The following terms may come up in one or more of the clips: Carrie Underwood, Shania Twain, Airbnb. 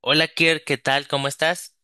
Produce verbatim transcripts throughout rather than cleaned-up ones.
Hola Kier, ¿qué tal? ¿Cómo estás?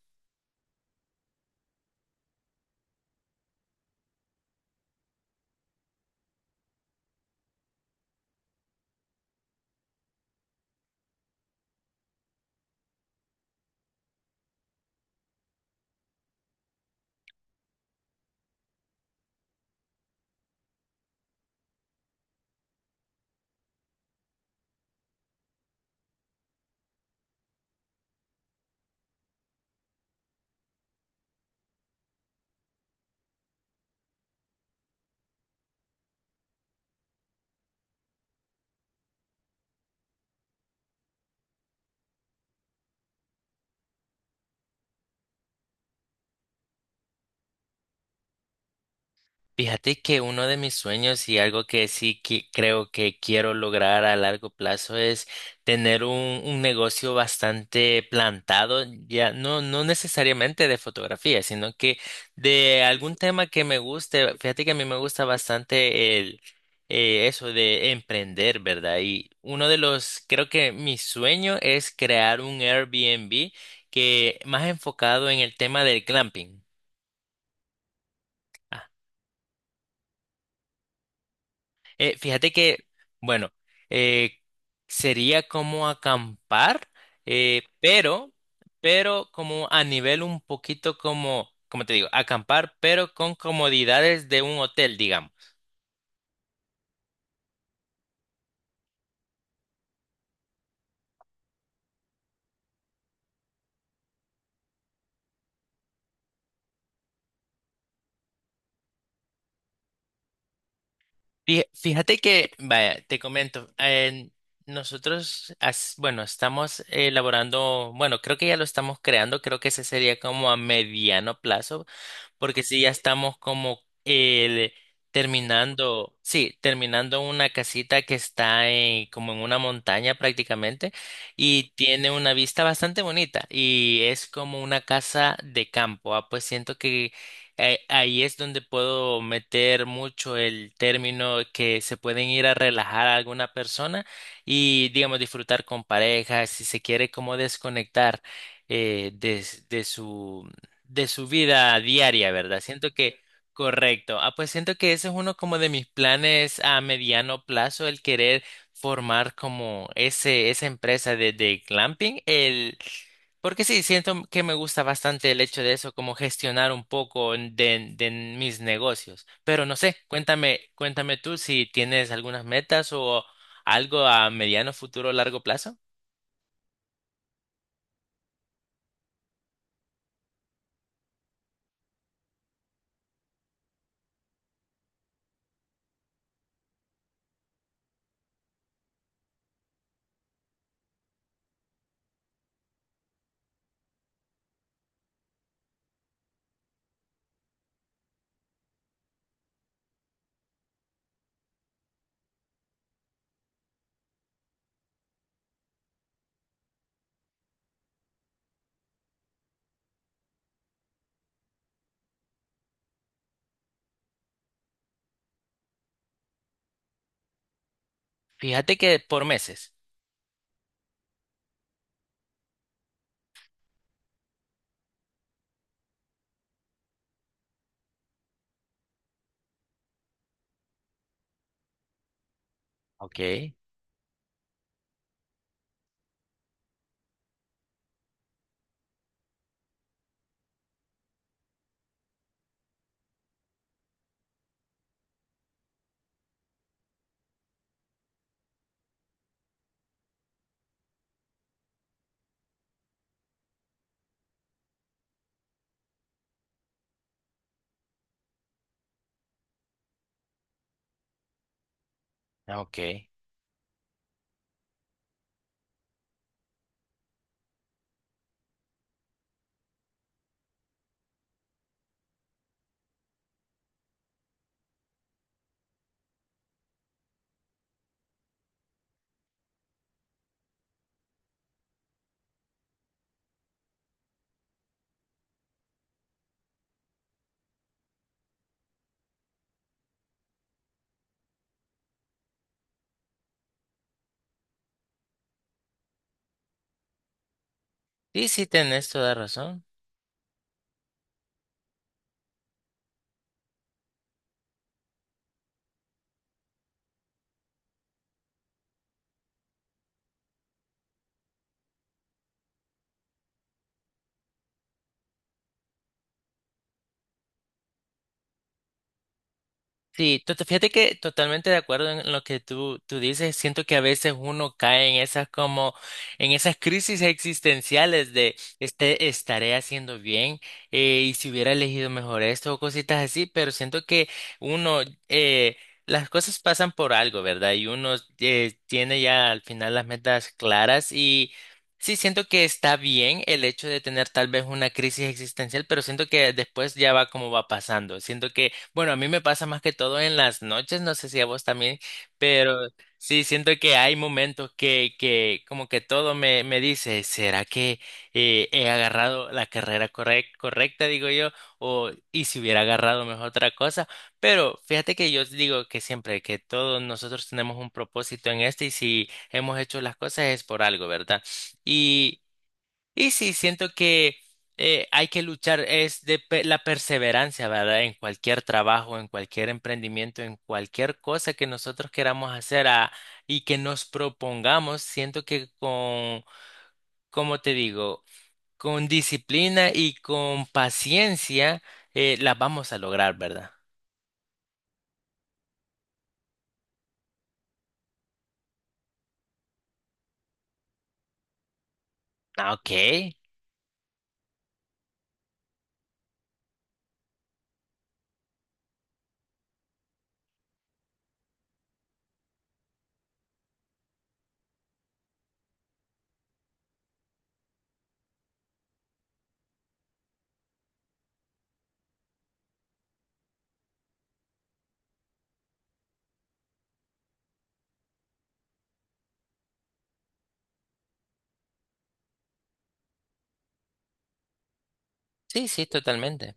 Fíjate que uno de mis sueños y algo que sí que creo que quiero lograr a largo plazo es tener un, un negocio bastante plantado, ya no, no necesariamente de fotografía, sino que de algún tema que me guste. Fíjate que a mí me gusta bastante el eh, eso de emprender, ¿verdad? Y uno de los, creo que mi sueño es crear un Airbnb que más enfocado en el tema del glamping. Eh, fíjate que, bueno, eh, sería como acampar, eh, pero, pero como a nivel un poquito como, como te digo, acampar, pero con comodidades de un hotel, digamos. Fí- Fíjate que, vaya, te comento, eh, nosotros, as- bueno, estamos elaborando, bueno, creo que ya lo estamos creando, creo que ese sería como a mediano plazo, porque sí, ya estamos como el, terminando, sí, terminando una casita que está en, como en una montaña prácticamente y tiene una vista bastante bonita y es como una casa de campo. Ah, pues siento que eh, ahí es donde puedo meter mucho el término que se pueden ir a relajar a alguna persona y, digamos, disfrutar con pareja, si se quiere como desconectar eh, de, de su de su vida diaria, ¿verdad? Siento que, correcto. Ah, pues siento que ese es uno como de mis planes a mediano plazo, el querer formar como ese, esa empresa de, de glamping. El, porque sí, siento que me gusta bastante el hecho de eso, como gestionar un poco de, de mis negocios. Pero no sé, cuéntame, cuéntame tú si tienes algunas metas o algo a mediano, futuro, largo plazo. Fíjate que por meses. Ok, ok. Sí, sí, tenés toda razón. Sí, to- fíjate que totalmente de acuerdo en lo que tú, tú dices. Siento que a veces uno cae en esas como, en esas crisis existenciales de este, estaré haciendo bien. Eh, y si hubiera elegido mejor esto o cositas así, pero siento que uno, eh, las cosas pasan por algo, ¿verdad? Y uno eh, tiene ya al final las metas claras y sí siento que está bien el hecho de tener tal vez una crisis existencial, pero siento que después ya va como va pasando. Siento que bueno, a mí me pasa más que todo en las noches, no sé si a vos también, pero sí siento que hay momentos que, que como que todo me, me dice, ¿será que eh, he agarrado la carrera correc- correcta, digo yo? O, y si hubiera agarrado mejor otra cosa. Pero fíjate que yo digo que siempre, que todos nosotros tenemos un propósito en este y si hemos hecho las cosas es por algo, ¿verdad? Y sí, siento que eh, hay que luchar, es de pe- la perseverancia, ¿verdad? En cualquier trabajo, en cualquier emprendimiento, en cualquier cosa que nosotros queramos hacer ah, y que nos propongamos, siento que con, como te digo, con disciplina y con paciencia, eh, las vamos a lograr, ¿verdad? Ah, ok. Sí, sí, totalmente.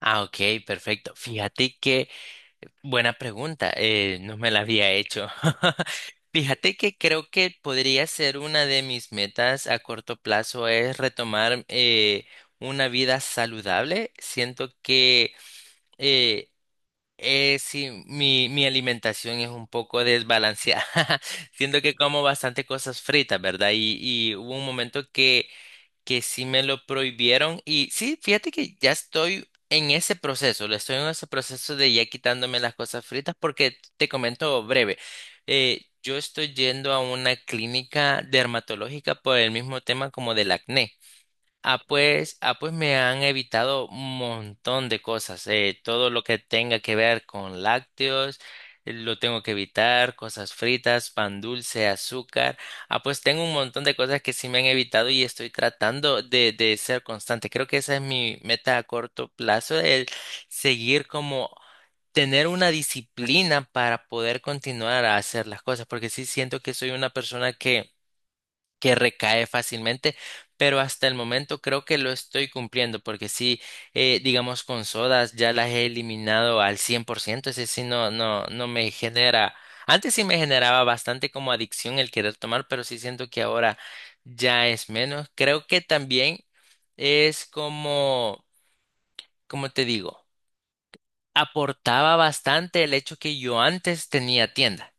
Ah, ok, perfecto. Fíjate que buena pregunta, eh, no me la había hecho. Fíjate que creo que podría ser una de mis metas a corto plazo es retomar eh, una vida saludable. Siento que eh, eh, sí, mi, mi alimentación es un poco desbalanceada. Siento que como bastante cosas fritas, ¿verdad? Y, y hubo un momento que que sí me lo prohibieron y sí, fíjate que ya estoy en ese proceso, le estoy en ese proceso de ya quitándome las cosas fritas porque te comento breve, eh, yo estoy yendo a una clínica dermatológica por el mismo tema como del acné. Ah, pues, ah, pues me han evitado un montón de cosas. Eh, todo lo que tenga que ver con lácteos, eh, lo tengo que evitar, cosas fritas, pan dulce, azúcar. Ah, pues tengo un montón de cosas que sí me han evitado y estoy tratando de, de ser constante. Creo que esa es mi meta a corto plazo, el seguir como tener una disciplina para poder continuar a hacer las cosas, porque sí siento que soy una persona que que recae fácilmente, pero hasta el momento creo que lo estoy cumpliendo, porque sí, eh, digamos con sodas ya las he eliminado al cien por ciento, ese sí no, no, no me genera, antes sí me generaba bastante como adicción el querer tomar, pero sí siento que ahora ya es menos. Creo que también es como, como te digo, aportaba bastante el hecho que yo antes tenía tienda.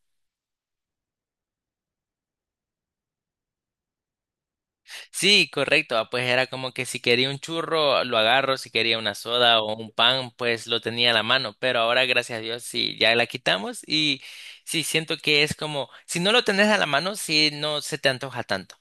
Sí, correcto. ah, Pues era como que si quería un churro, lo agarro, si quería una soda o un pan, pues lo tenía a la mano. Pero ahora, gracias a Dios, sí, ya la quitamos y sí, siento que es como, si no lo tenés a la mano, sí, no se te antoja tanto.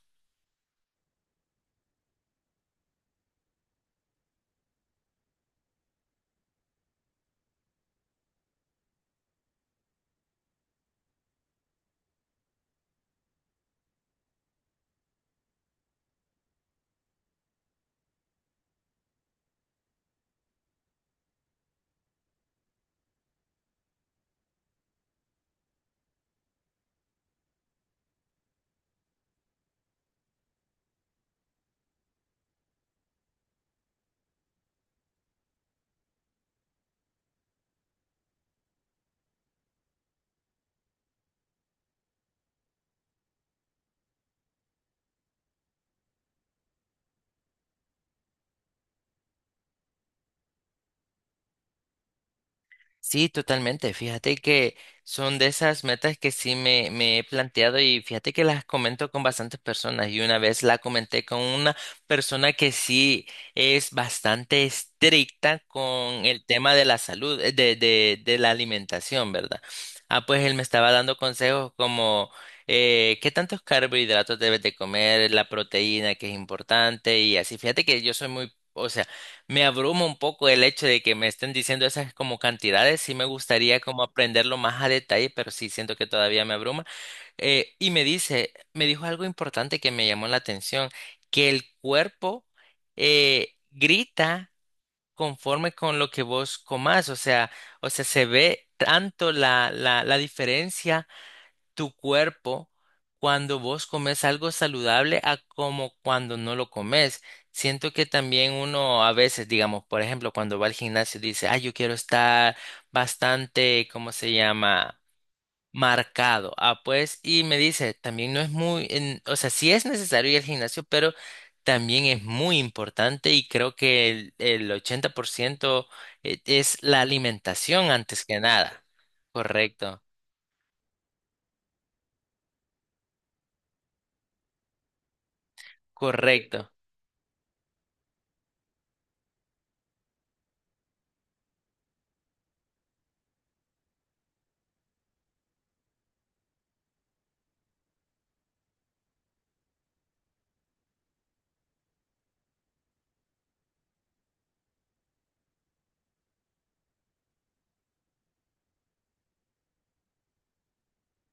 Sí, totalmente. Fíjate que son de esas metas que sí me, me he planteado y fíjate que las comento con bastantes personas y una vez la comenté con una persona que sí es bastante estricta con el tema de la salud, eh, de, de, de la alimentación, ¿verdad? Ah, pues él me estaba dando consejos como eh, qué tantos carbohidratos debes de comer, la proteína que es importante y así. Fíjate que yo soy muy... O sea, me abruma un poco el hecho de que me estén diciendo esas como cantidades, sí me gustaría como aprenderlo más a detalle, pero sí siento que todavía me abruma. Eh, y me dice, me dijo algo importante que me llamó la atención, que el cuerpo eh, grita conforme con lo que vos comás, o sea, o sea, se ve tanto la, la, la diferencia tu cuerpo cuando vos comes algo saludable a como cuando no lo comes. Siento que también uno a veces, digamos, por ejemplo, cuando va al gimnasio dice, ah, yo quiero estar bastante, ¿cómo se llama? Marcado. Ah, pues, y me dice, también no es muy, en- o sea, sí es necesario ir al gimnasio, pero también es muy importante y creo que el, el ochenta por ciento e- es la alimentación antes que nada. Correcto, correcto,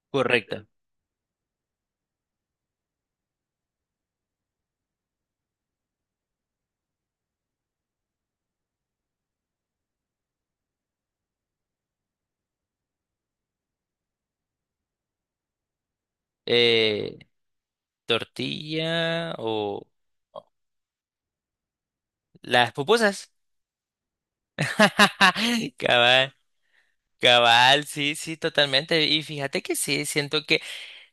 correcto. Eh, Tortilla o las pupusas. Cabal, cabal, sí, sí, totalmente. Y fíjate que sí, siento que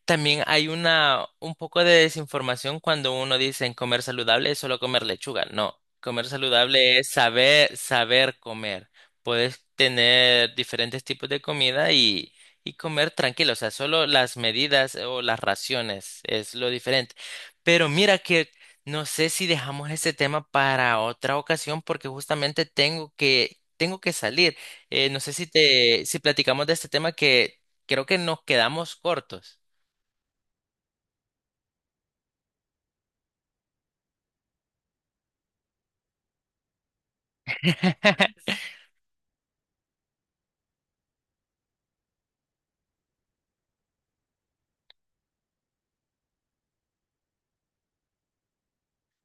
también hay una, un poco de desinformación cuando uno dice en comer saludable es solo comer lechuga. No, comer saludable es saber, saber comer. Puedes tener diferentes tipos de comida y, y comer tranquilo. O sea, solo las medidas o las raciones es lo diferente. Pero mira que no sé si dejamos ese tema para otra ocasión porque justamente tengo que, tengo que salir. Eh, no sé si te, si platicamos de este tema que creo que nos quedamos cortos.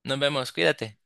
Nos vemos, cuídate.